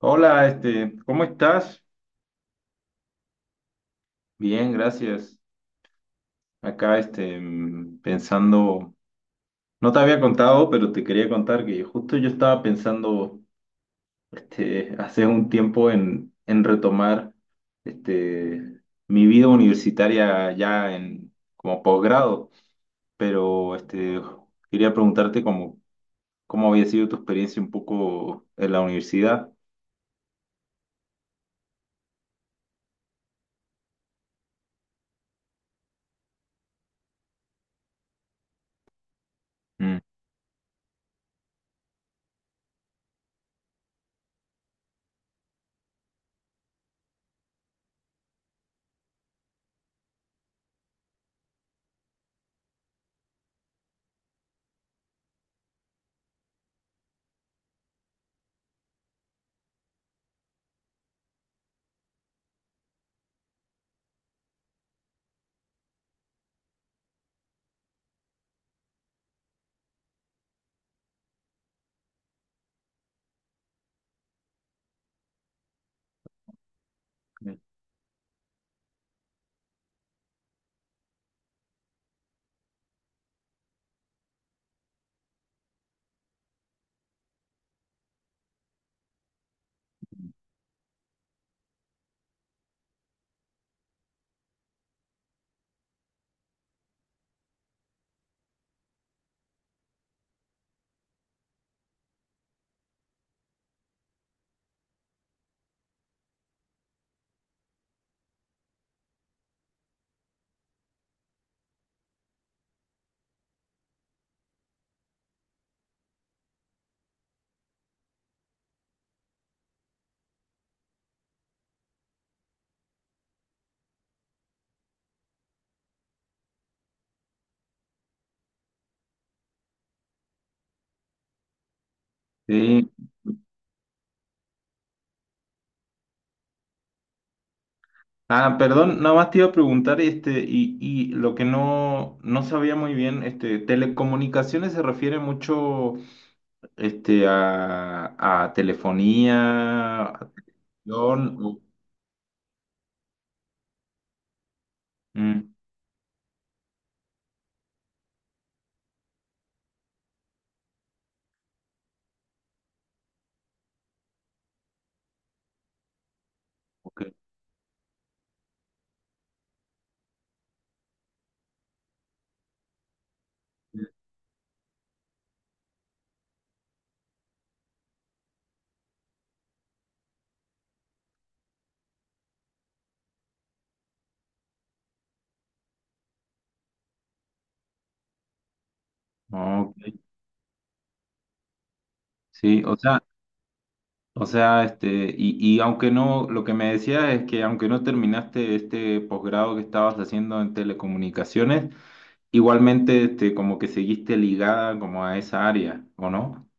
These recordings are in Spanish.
Hola, ¿cómo estás? Bien, gracias. Acá, pensando, no te había contado, pero te quería contar que justo yo estaba pensando, hace un tiempo en retomar, este, mi vida universitaria ya en, como posgrado, pero, quería preguntarte cómo, cómo había sido tu experiencia un poco en la universidad. Mm. Sí. Ah, perdón, nada más te iba a preguntar, y lo que no, no sabía muy bien, telecomunicaciones se refiere mucho, este, a, a telefonía, a atención, o- mm, ok, ok, sí, o sea, y aunque no, lo que me decías es que aunque no terminaste este posgrado que estabas haciendo en telecomunicaciones, igualmente, como que seguiste ligada como a esa área, ¿o no?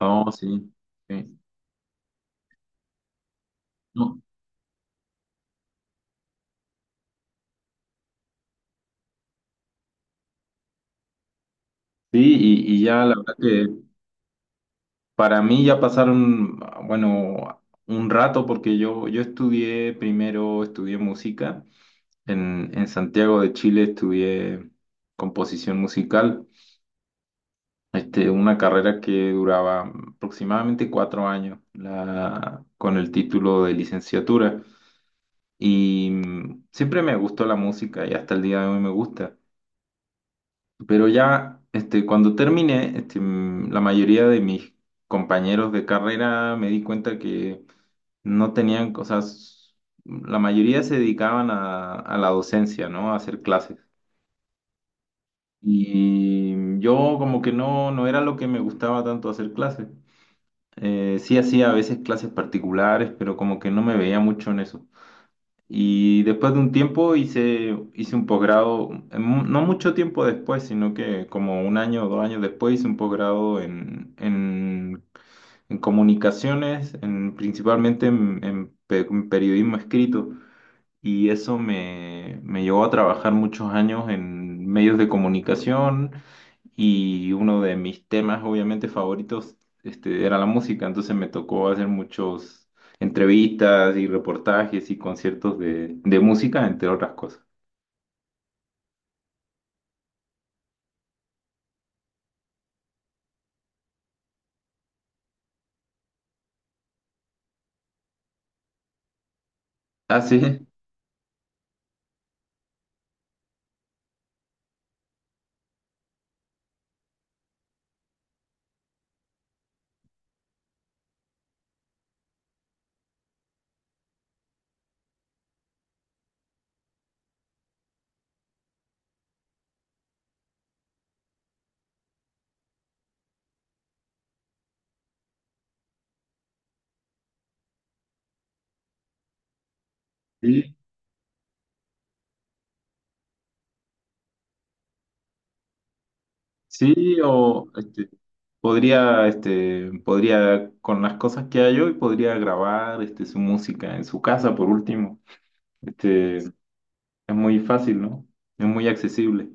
Oh, sí, sí. No, sí, y ya la verdad que para mí ya pasaron, bueno, un rato porque yo estudié primero, estudié música. En Santiago de Chile estudié composición musical, una carrera que duraba aproximadamente 4 años la, con el título de licenciatura. Y siempre me gustó la música y hasta el día de hoy me gusta. Pero ya, cuando terminé, la mayoría de mis compañeros de carrera me di cuenta que no tenían cosas, la mayoría se dedicaban a la docencia, ¿no? A hacer clases. Y yo como que no, no era lo que me gustaba tanto hacer clases. Sí hacía a veces clases particulares, pero como que no me veía mucho en eso. Y después de un tiempo hice un posgrado, en mu- no mucho tiempo después, sino que como un año o dos años después hice un posgrado en comunicaciones, principalmente en pe- en periodismo escrito y eso me, me llevó a trabajar muchos años en medios de comunicación y uno de mis temas obviamente favoritos era la música, entonces me tocó hacer muchos entrevistas y reportajes y conciertos de música, entre otras cosas. Ah, sí, sí, sí, o podría, podría, con las cosas que hay hoy, podría grabar su música en su casa por último. Es muy fácil, ¿no? Es muy accesible.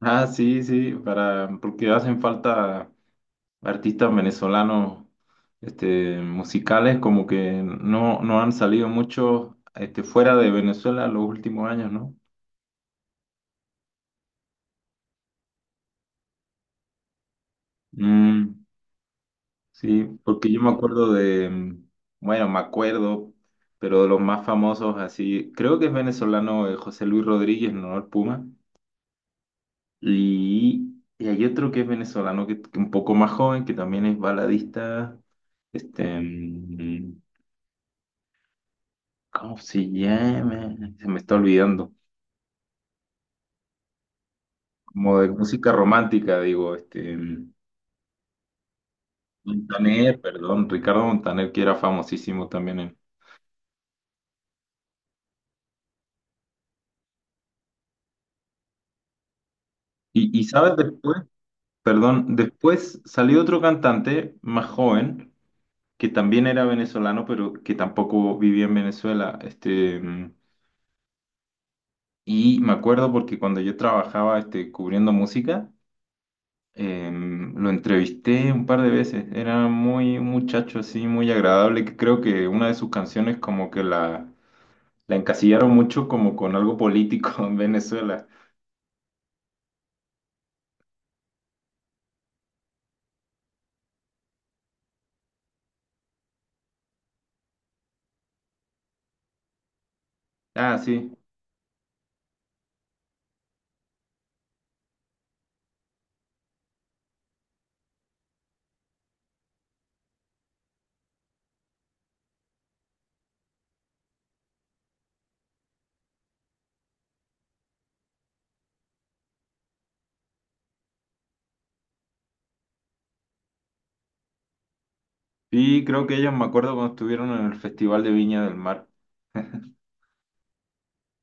Ah, sí, sí, para, porque hacen falta artistas venezolanos, musicales, como que no, no han salido muchos, fuera de Venezuela los últimos años, ¿no? Mm, sí, porque yo me acuerdo de, bueno, me acuerdo, pero de los más famosos así, creo que es venezolano José Luis Rodríguez, ¿no? El Puma. Y, y hay otro que es venezolano, que un poco más joven, que también es baladista, este... mm, ¿cómo se llama? Se me está olvidando. Como de música romántica, digo, Montaner, perdón, Ricardo Montaner, que era famosísimo también. En- y sabes después, perdón, después salió otro cantante más joven, que también era venezolano, pero que tampoco vivía en Venezuela. Y me acuerdo porque cuando yo trabajaba, cubriendo música, lo entrevisté un par de veces, era muy un muchacho así, muy agradable, que creo que una de sus canciones como que la encasillaron mucho como con algo político en Venezuela. Ah, sí, sí, creo que ellos me acuerdo cuando estuvieron en el Festival de Viña del Mar,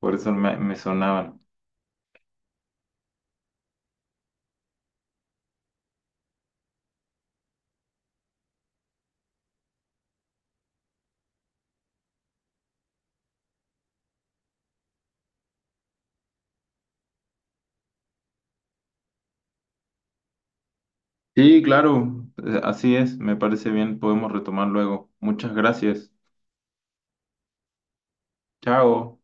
por eso me, me sonaban. Sí, claro, así es, me parece bien, podemos retomar luego. Muchas gracias. Chao.